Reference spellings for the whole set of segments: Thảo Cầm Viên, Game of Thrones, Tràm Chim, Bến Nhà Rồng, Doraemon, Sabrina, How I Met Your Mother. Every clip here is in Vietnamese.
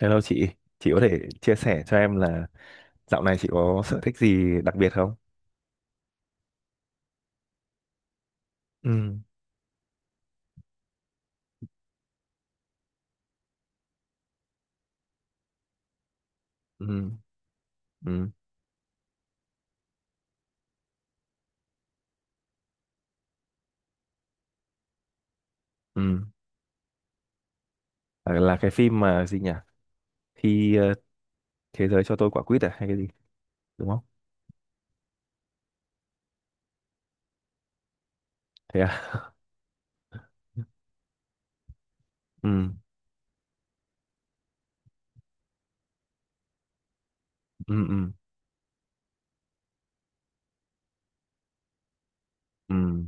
Hello chị có thể chia sẻ cho em là dạo này chị có sở thích gì đặc biệt không? Ừ, ừ, ừ, ừ. Là cái phim mà gì nhỉ? Khi thế giới cho tôi quả quýt à hay cái gì? Đúng không? Thế à? Ừ, ừ, ừ, ừ,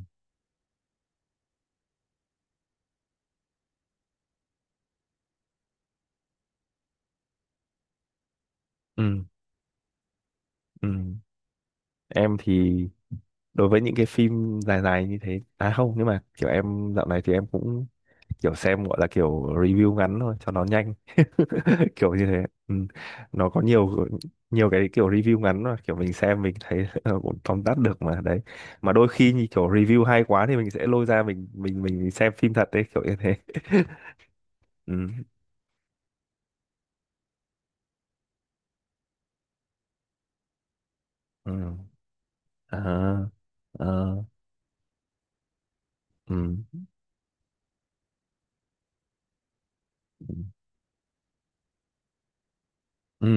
ừ, ừ. Em thì đối với những cái phim dài dài như thế à không, nhưng mà kiểu em dạo này thì em cũng kiểu xem gọi là kiểu review ngắn thôi cho nó nhanh kiểu như thế. Ừ, nó có nhiều nhiều cái kiểu review ngắn mà kiểu mình xem mình thấy ờ, cũng tóm tắt được mà đấy, mà đôi khi như kiểu review hay quá thì mình sẽ lôi ra mình xem phim thật đấy kiểu như thế. Ừ. Ừ. À. À. Ừ. Ừ. Ừ. Ừ.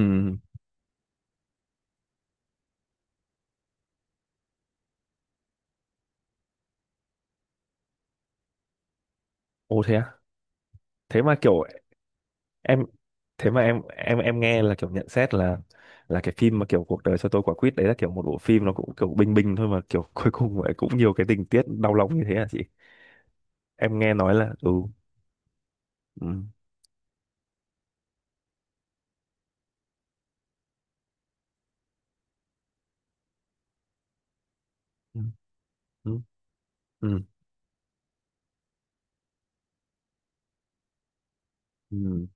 Ồ thế à? Thế mà kiểu em thế mà em nghe là kiểu nhận xét là cái phim mà kiểu cuộc đời cho tôi quả quýt đấy là kiểu một bộ phim nó cũng kiểu bình bình thôi mà kiểu cuối cùng lại cũng nhiều cái tình tiết đau lòng như thế à chị? Em nghe nói là ừ, ừ, ừ, ừ, ừ,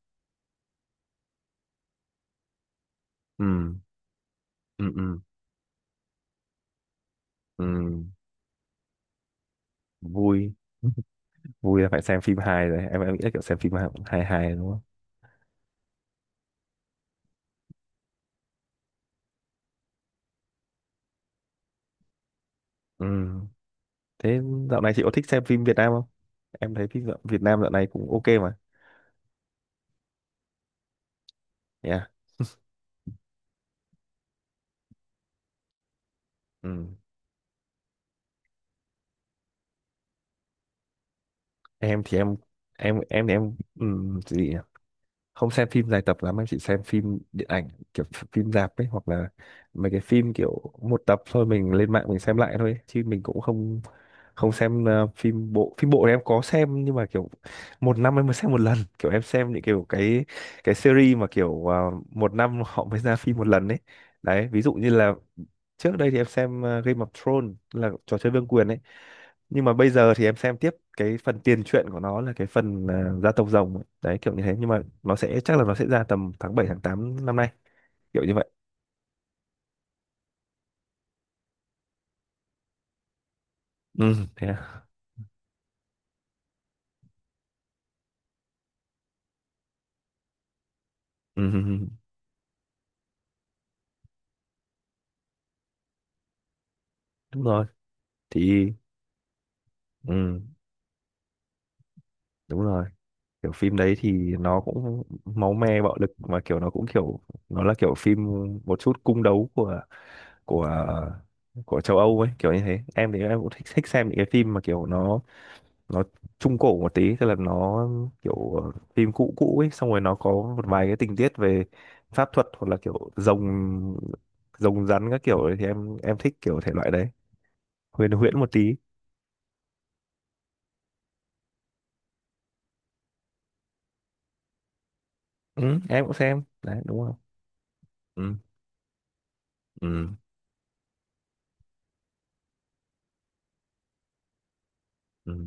ừ, ừ, ừ, ừ, ừ, vui. Vui là phải xem phim hài rồi, em nghĩ là kiểu xem phim hài hài hài đúng không? Ừ, thế dạo này chị có thích xem phim Việt Nam không? Em thấy phim Việt Nam dạo này cũng ok mà. Yeah. Ừ, em thì em thì em ừ, gì nhỉ? Không xem phim dài tập lắm, em chỉ xem phim điện ảnh kiểu phim rạp ấy, hoặc là mấy cái phim kiểu một tập thôi mình lên mạng mình xem lại thôi ấy. Chứ mình cũng không không xem phim bộ. Phim bộ thì em có xem nhưng mà kiểu một năm em mới xem một lần, kiểu em xem những kiểu cái series mà kiểu một năm họ mới ra phim một lần ấy, đấy ví dụ như là trước đây thì em xem Game of Thrones, là trò chơi vương quyền ấy, nhưng mà bây giờ thì em xem tiếp cái phần tiền truyện của nó là cái phần à, gia tộc rồng ấy. Đấy kiểu như thế, nhưng mà nó sẽ chắc là nó sẽ ra tầm tháng 7 tháng 8 năm nay, kiểu như vậy. Ừ, thế à? Ừ, ừ, ừ. Đúng rồi thì ừ, đúng rồi, kiểu phim đấy thì nó cũng máu me bạo lực mà kiểu nó cũng kiểu nó là kiểu phim một chút cung đấu của của của châu Âu ấy kiểu như thế. Em thì em cũng thích thích xem những cái phim mà kiểu nó trung cổ một tí, tức là nó kiểu phim cũ cũ ấy, xong rồi nó có một vài cái tình tiết về pháp thuật hoặc là kiểu rồng rồng rắn các kiểu ấy, thì em thích kiểu thể loại đấy, huyền huyễn một tí. Ừ, em cũng xem đấy đúng không? Ừ, ừ, ừ,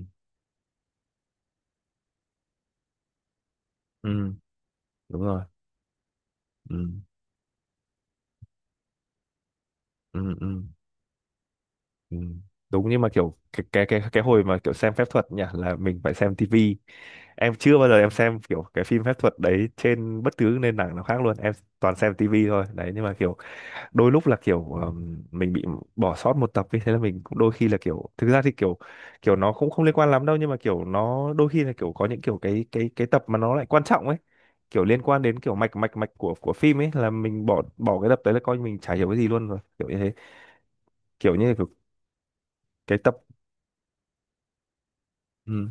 ừ, đúng rồi. Ừ, ừ, ừ, ừ. Đúng, nhưng mà kiểu cái hồi mà kiểu xem phép thuật nhỉ là mình phải xem tivi. Em chưa bao giờ em xem kiểu cái phim phép thuật đấy trên bất cứ nền tảng nào khác luôn, em toàn xem tivi thôi đấy, nhưng mà kiểu đôi lúc là kiểu mình bị bỏ sót một tập ấy, thế là mình cũng đôi khi là kiểu thực ra thì kiểu kiểu nó cũng không liên quan lắm đâu, nhưng mà kiểu nó đôi khi là kiểu có những kiểu cái tập mà nó lại quan trọng ấy, kiểu liên quan đến kiểu mạch mạch mạch của phim ấy, là mình bỏ bỏ cái tập đấy là coi như mình chả hiểu cái gì luôn rồi kiểu như thế, kiểu như là kiểu cái tập. Ừ,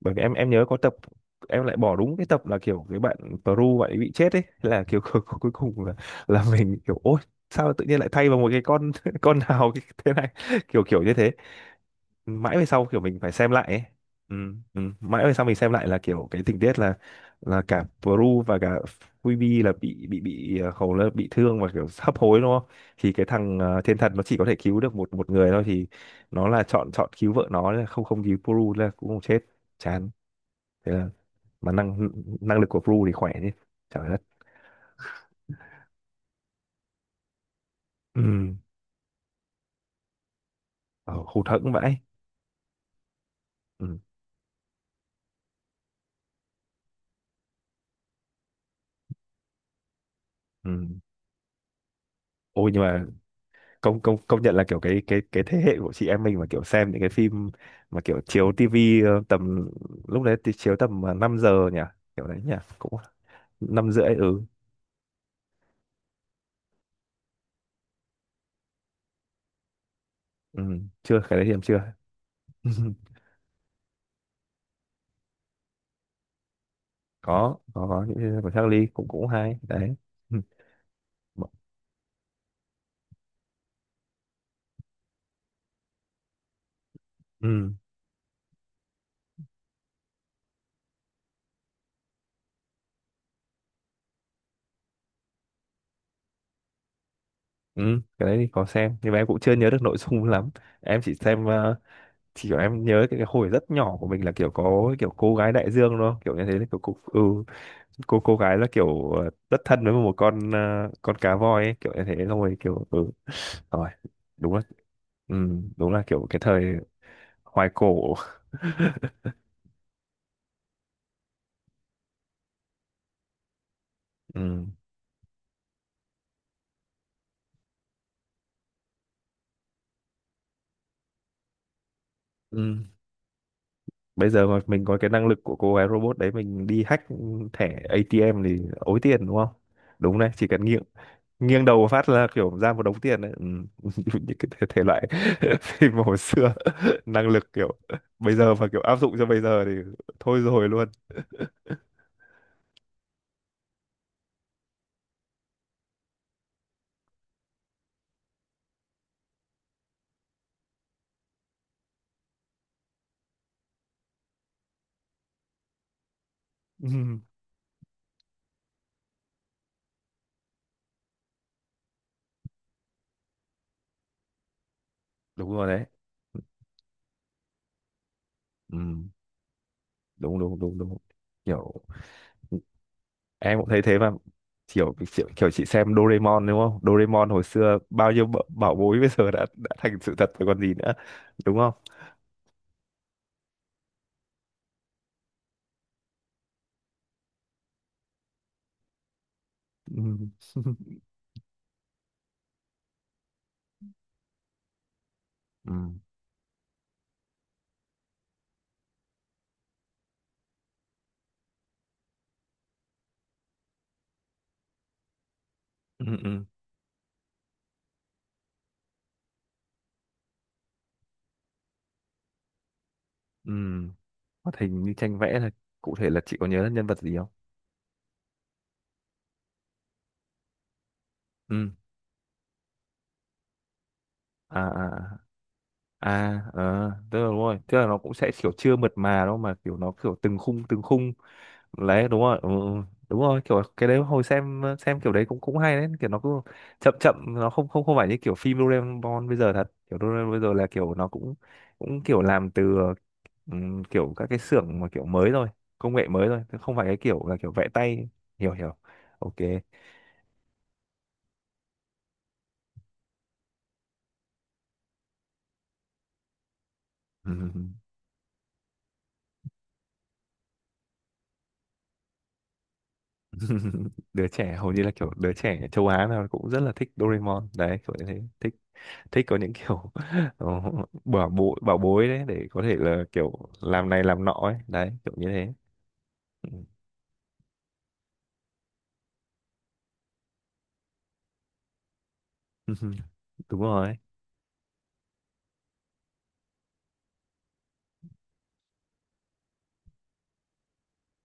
bởi vì em nhớ có tập em lại bỏ đúng cái tập là kiểu cái bạn Peru bạn ấy bị chết ấy. Thế là kiểu cuối cuối cùng là mình kiểu ôi, sao tự nhiên lại thay vào một cái con con nào thế này, kiểu kiểu như thế, mãi về sau kiểu mình phải xem lại ấy. Ừ, ừ. Mãi về sau mình xem lại là kiểu cái tình tiết là cả Bru và cả Phoebe là bị hầu là bị thương và kiểu hấp hối đúng không? Thì cái thằng thiên thần nó chỉ có thể cứu được một một người thôi, thì nó là chọn chọn cứu vợ nó, là không không cứu Bru là cũng không chết, chán. Thế là mà năng năng lực của Bru thì khỏe chứ, trời đất. Ừ. Ờ, hụt hẫng vãi. Ừ. Ừ. Ôi nhưng mà công công công nhận là kiểu cái thế hệ của chị em mình mà kiểu xem những cái phim mà kiểu chiếu tivi tầm lúc đấy thì chiếu tầm 5 giờ nhỉ, kiểu đấy nhỉ, cũng 5 rưỡi. Ừ, ừ, chưa, cái đấy thì em chưa. Có có những cái của Charlie cũng cũng hay đấy. Ừ. Mà. Ừ, ừ, cái đấy thì có xem nhưng mà em cũng chưa nhớ được nội dung lắm, em chỉ xem chỉ kiểu em nhớ cái, hồi rất nhỏ của mình là kiểu có kiểu cô gái đại dương thôi kiểu như thế, kiểu cô, ừ, cô gái là kiểu rất thân với một con con cá voi ấy, kiểu như thế thôi kiểu ừ rồi, đúng là ừ, đúng là kiểu cái thời hoài cổ. Ừ, ừ. Bây giờ mà mình có cái năng lực của cô gái robot đấy, mình đi hack thẻ ATM thì ối tiền đúng không? Đúng đấy, chỉ cần nghiêng nghiêng đầu một phát là kiểu ra một đống tiền đấy. Ừ. Những cái thể thể loại phim hồi xưa, năng lực kiểu bây giờ mà kiểu áp dụng cho bây giờ thì thôi rồi luôn. Ừ. Đúng rồi đấy. Ừ. Đúng đúng đúng đúng, kiểu em cũng thấy thế mà, kiểu kiểu, kiểu chị xem Doraemon đúng không? Doraemon hồi xưa bao nhiêu bảo bối bây giờ đã thành sự thật rồi còn gì nữa, đúng không? Ừ. Ừ. Ừ. Ừ. Ừ. Hoạt hình như tranh vẽ là cụ thể là chị có nhớ nhân vật gì không? Ừ. À à à à, ờ, tức là đúng rồi, tức là nó cũng sẽ kiểu chưa mượt mà đâu, mà kiểu nó kiểu từng khung từng khung. Đấy đúng rồi ừ, ừ, đúng rồi, kiểu cái đấy hồi xem kiểu đấy cũng cũng hay đấy, kiểu nó cứ chậm chậm, nó không không không phải như kiểu phim Doraemon bây giờ thật, kiểu Doraemon bây giờ là kiểu nó cũng cũng kiểu làm từ kiểu các cái xưởng mà kiểu mới rồi, công nghệ mới rồi, chứ không phải cái kiểu là kiểu vẽ tay, hiểu hiểu, ok. Ừm. Đứa trẻ hầu như là kiểu đứa trẻ châu Á nào cũng rất là thích Doraemon đấy, kiểu như thế, thích thích có những kiểu ờ, bảo bối đấy để có thể là kiểu làm này làm nọ ấy, đấy kiểu như thế. Ừ. Đúng rồi.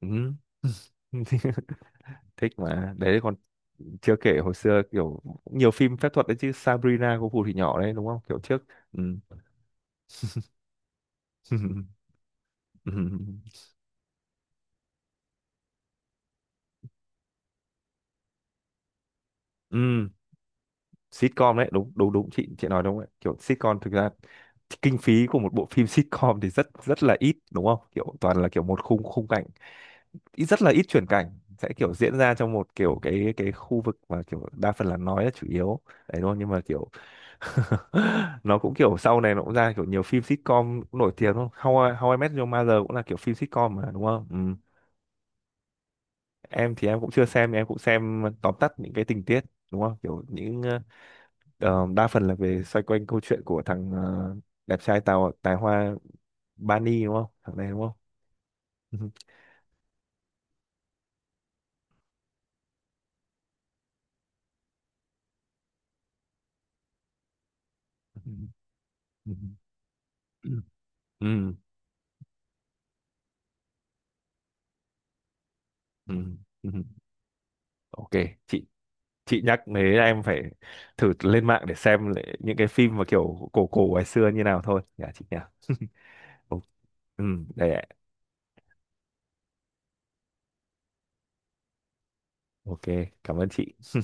Ừ. Thích. Mà đấy còn chưa kể hồi xưa kiểu cũng nhiều phim phép thuật đấy chứ, Sabrina cô phù thủy nhỏ đấy đúng không kiểu trước. Ừ. Ừ. Ừ. Sitcom đấy đúng đúng đúng, chị nói đúng đấy, kiểu sitcom thực ra kinh phí của một bộ phim sitcom thì rất rất là ít đúng không, kiểu toàn là kiểu một khung khung cảnh, ít rất là ít chuyển cảnh, sẽ kiểu diễn ra trong một kiểu cái khu vực mà kiểu đa phần là nói là chủ yếu đấy đúng không, nhưng mà kiểu nó cũng kiểu sau này nó cũng ra kiểu nhiều phim sitcom cũng nổi tiếng đúng không, How I, How I Met Your Mother cũng là kiểu phim sitcom mà đúng không? Ừ. Em thì em cũng chưa xem, em cũng xem tóm tắt những cái tình tiết đúng không, kiểu những ờ, đa phần là về xoay quanh câu chuyện của thằng đẹp trai tào tài hoa Bani đúng không, thằng này đúng không? Ừ. Ừ. Ừ. Ừ. Ừ. Ừ. Ok, chị chị nhắc thế là em phải thử lên mạng để xem lại những cái phim mà kiểu cổ cổ ngày xưa như nào thôi nhà chị nhỉ. Ừ, đấy ạ. Ok, cảm ơn chị.